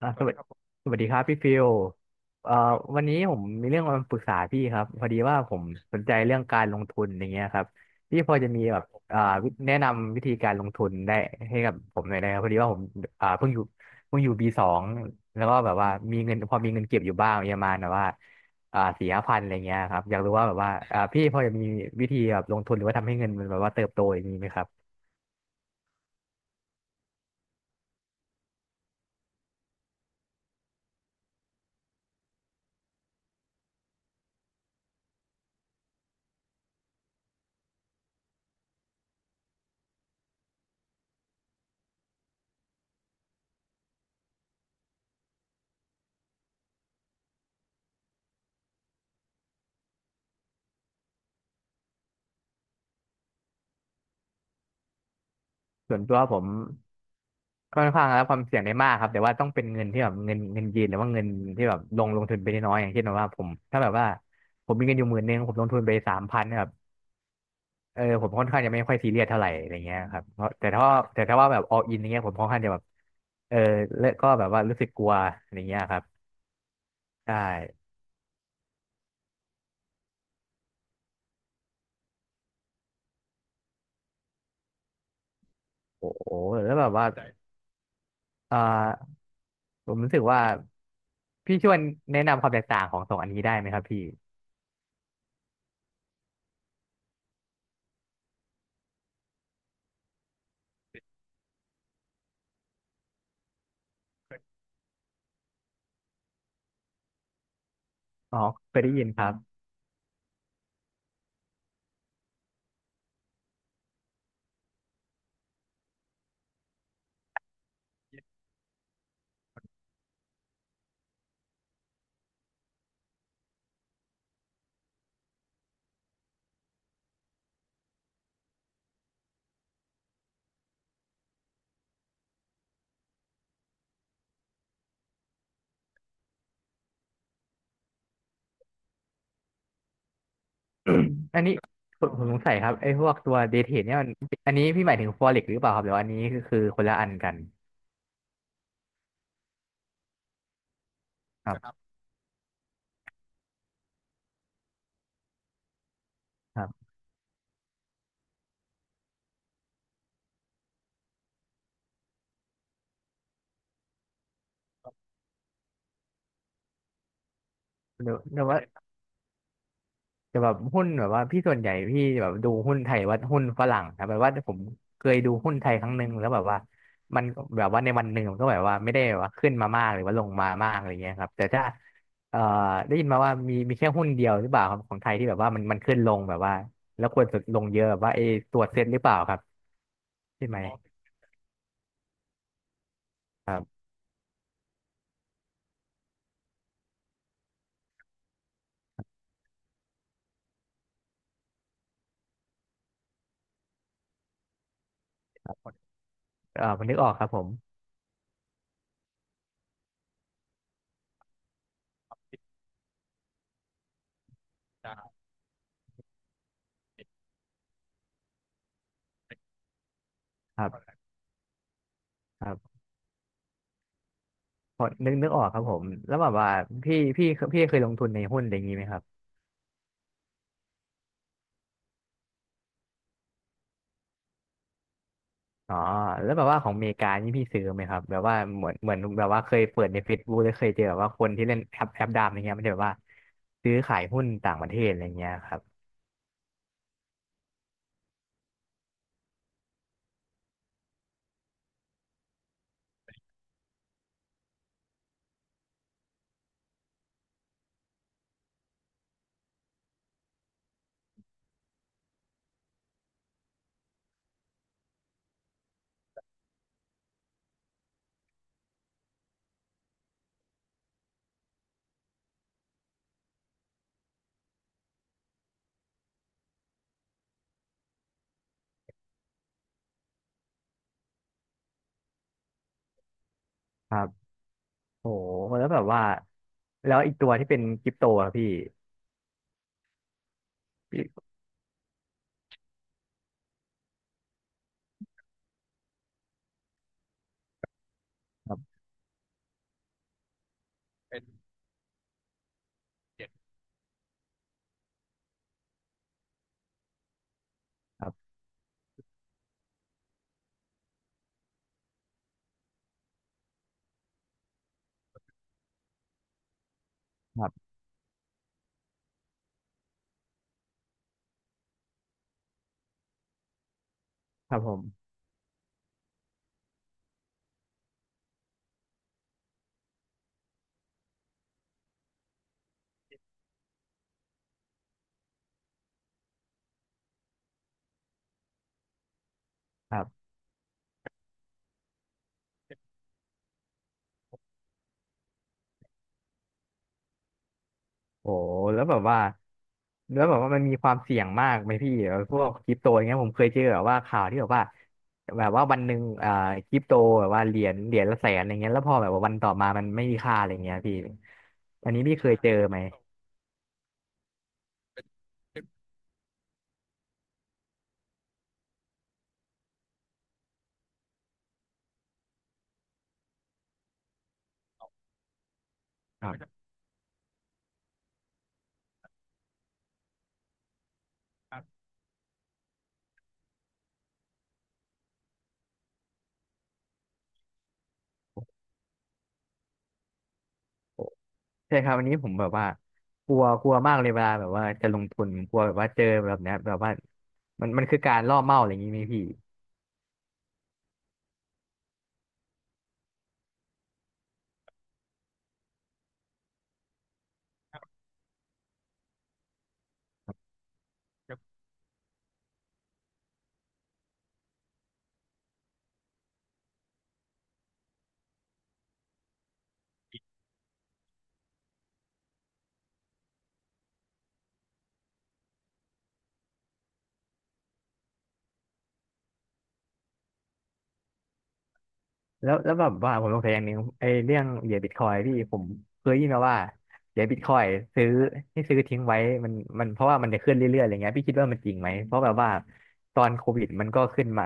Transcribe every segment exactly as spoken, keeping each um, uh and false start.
อ่าสสวัสวัสดีดีครับผมสวัสดีครับพี่ฟิลเอ่อวันนี้ผมมีเรื่องมาปรึกษาพี่ครับพอดีว่าผมสนใจเรื่องการลงทุนอย่างเงี้ยครับพี่พอจะมีแบบอ่าวิแนะนำวิธีการลงทุนได้ให้กับผมหน่อยได้ครับพอดีว่าผมอ่าเพิ่งอยู่เพิ่งอยู่ปีสองแล้วก็แบบว่ามีเงินพอมีเงินเก็บอยู่บ้างประมาณแบบว่าอ่าสี่ห้าพันอะไรเงี้ยครับอยากรู้ว่าแบบว่าอ่าพี่พอจะมีวิธีแบบลงทุนหรือว่าทำให้เงินมันแบบว่าเติบโตอย่างนี้ไหมครับส่วนตัวผม ค่อนข้างรับความเสี่ยงได้มากครับแต่ว่าต้องเป็นเงินที่แบบเงินเงินยืนหรือว่าเงินที่แบบลงลงทุนไปน้อยๆอย่างเช่นแบบว่าผมถ้าแบบว่าผมมีเงินอยู่หมื่นนึงผมลงทุนไปสามพันแบบเออผมค่อนข้างจะไม่ค่อยซีเรียสเท่าไหร่อะไรเงี้ยครับเพราะแต่ถ้าว่าแต่ถ้าว่าแบบ all in อย่างเงี้ยผมค่อนข้างจะแบบเออและก็แบบว่ารู้สึกกลัวอะไรเงี้ยครับใช่โอ้โหแล้วแบบว่าเอ่อผมรู้สึกว่าพี่ช่วยแนะนำความแตกต่างของสองอันนี้ได้ไหมครับพี่อ๋อเคยได้ยินครับ อันนี้ผมผมสงสัยครับไอ้พวกตัวเดทเทนเนี่ยมันอันนี้พี่หมายถึงฟอเร็กหรือเปล่าครับหรือว่าอันนี้คือคือคนละอันกันครับครับหรือหรือว่าจะแบบหุ้นแบบว่าพี่ส่วนใหญ่พี่แบบดูหุ้นไทยหรือว่าหุ้นฝรั่งครับแบบว่าผมเคยดูหุ้นไทยครั้งหนึ่งแล้วแบบว่ามันแบบว่าในวันหนึ่งมันก็แบบว่าไม่ได้แบบว่าขึ้นมามากหรือว่าลงมามากอะไรเงี้ยครับแต่ถ้าเอ่อได้ยินมาว่ามีมีแค่หุ้นเดียวหรือเปล่าครับของไทยที่แบบว่ามันมันขึ้นลงแบบว่าแล้วควรจะลงเยอะแบบว่าไอ้ตัวเซ็ตหรือเปล่าครับใช่ไหมครับ เออนึกออกครับผมครับครับพอนึกนึกออกครับผมแล้วแบบว่าพี่พี่พี่เคยลงทุนในหุ้นอะไรอย่างนี้ไหมครับอ๋อแล้วแบบว่าของอเมริกานี่พี่ซื้อไหมครับแบบว่าเหมือนเหมือนแบบว่าเคยเปิดใน Facebook หรือเคยเจอแบบว่าคนที่เล่นแอปแอปดามอย่างเงี้ยมันจะแบบว่าซื้อขายหุ้นต่างประเทศอะไรเงี้ยครับครับโอ้แล้วแบบว่าแล้วอีกตัวที่เป็นคริปโตอะพี่พี่ครับครับครับครับผมครับโอ้แล้วแบบว่า แล้วแบบว่ามันมีความเสี่ยงมากไหมพี่เออพวกคริปโตอย่างเงี้ยผมเคยเจอแบบว่าข่าวที่แบบว่าแบบว่าวันหนึ่งอ่าคริปโตแบบว่าเหรียญเหรียญละแสนอะไรเงี้ยแล้วพอแบบว่าวันต่อมามันไม่มีค่าอะไรเงี้ยพี่อันนี้พี่เคยเจอไหมครับโอ้ใช่ครับอันนี้ผมแบบว่ากลัวกลัวมากเลยเวลาแบบว่าจะลงทุนกลัวแบบว่าเจอแบบเนี้ยแบบว่ามันมันคือการล่อเป้าอะไรอย่างงี้ไหมพี่ แล้วแล้วแบบว่าผมสงสัยอย่างหนึ่งไอ้เรื่องเหรียญบิตคอยพี่ผมเคยได้ยินมาว่าเหรียญบิตคอยซื้อให้ซื้อทิ้งไว้มันมันเพราะว่ามันจะขึ้นเรื่อยๆอะไรเงี้ยพี่คิดว่ามันจริงไหมเพราะแบบว่าตอนโควิดมันก็ขึ้นมา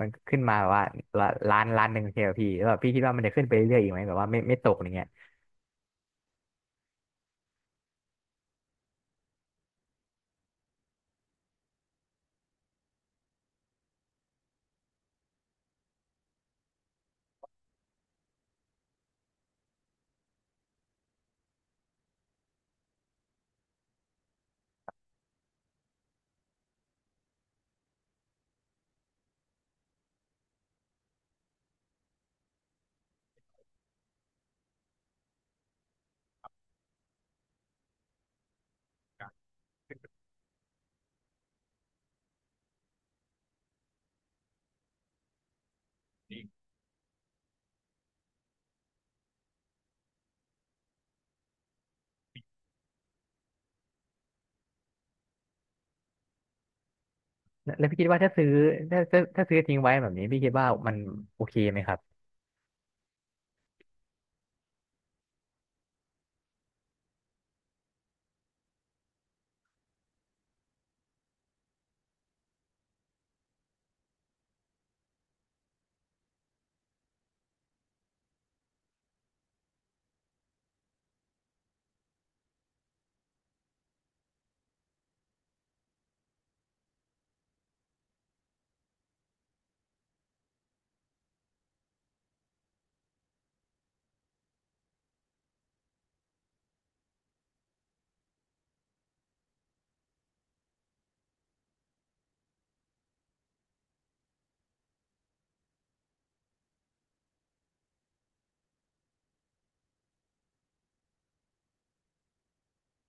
มันขึ้นมาแบบว่าละล้านล้านหนึ่งใช่ไหมพี่แล้วแบบพี่คิดว่ามันจะขึ้นไปเรื่อยๆอีกไหมแบบว่าไม่ไม่ตกอะไรเงี้ยแล้วแล้วพี่คิดว่าถ้าซื้อถ้าถ้าถ้าซื้อทิ้งไว้แบบนี้พี่คิดว่ามันโอเคไหมครับ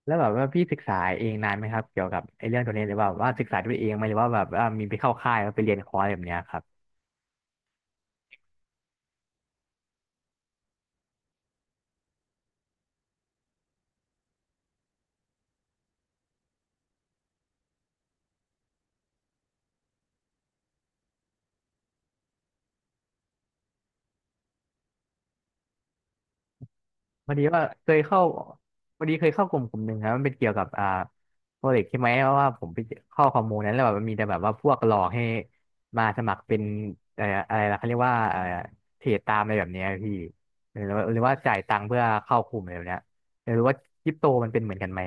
แล้วแบบว่าพี่ศึกษาเองนานไหมครับเกี่ยวกับไอ้เรื่องตัวนี้หรือว่าว่าศึกษาด้วยเองไหมหรือว่าแบบว่ามีไปเข้าค่ายแล้วไปเรียนคอร์สแบบเนี้ยครับ พอดีว่าเคยเข้าพอดีเคยเข้ากลุ่มกลุ่มหนึ่งครับมันเป็นเกี่ยวกับอ่าโปรเจกต์ใช่ไหมเพราะว่าผมไปเข้าข้อมูลนั้นแล้วแบบมันมีแต่แบบว่าพวกหลอกให้มาสมัครเป็นอะไรอะไรนะเขาเรียกว่าอะไรเทรดตามอะไรแบบเนี้ยพี่หรือว่าหรือว่าจ่ายตังค์เพื่อเข้ากลุ่มอะไรแบบเนี้ยอยากรู้ว่าคริปโตมันเป็นเหมือนกันไหม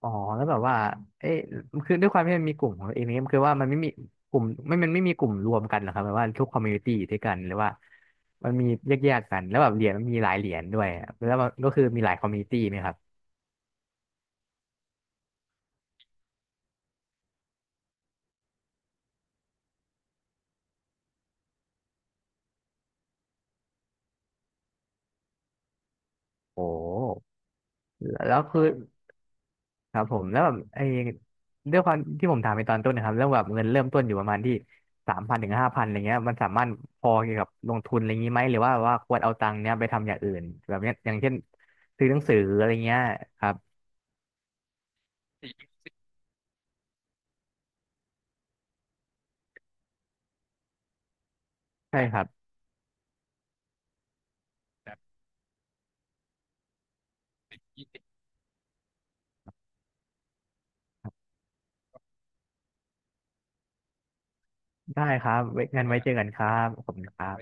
อ๋อแล้วแบบว่าเอ๊ะคือด้วยความที่มันมีกลุ่มของตัวเองเนี่ยคือว่ามันไม่มีกลุ่มไม่มันไม่มีกลุ่มรวมกันเหรอครับแบบว่าทุกคอมมูนิตี้ด้วยกันหรือว่ามันมีแยกๆกันแล้วแบบเหรียญมันมีหลายเหรียญด้วยอะแล้วมันก็คือมีหลายคอมมูนิตี้ไหมครับโอ้แล้วคือครับผมแล้วแบบไอ้ด้วยความที่ผมถามไปตอนต้นนะครับเรื่องแบบเงินเริ่มต้นอยู่ประมาณที่สามพันถึงห้าพันอะไรเงี้ยมันสามารถพอเกี่ยวกับลงทุนอะไรงี้ไหมหรือว่าว่าควรเอาตังค์เนี้ยไปทำอย่างอื่นแบบเนี้ยอย่างเช่นซื้อหนังสืออะไรเงี้ยครับใช่ครับ ได้ครับไว้งั้นไว้เจอกันครับขอบคุณครับ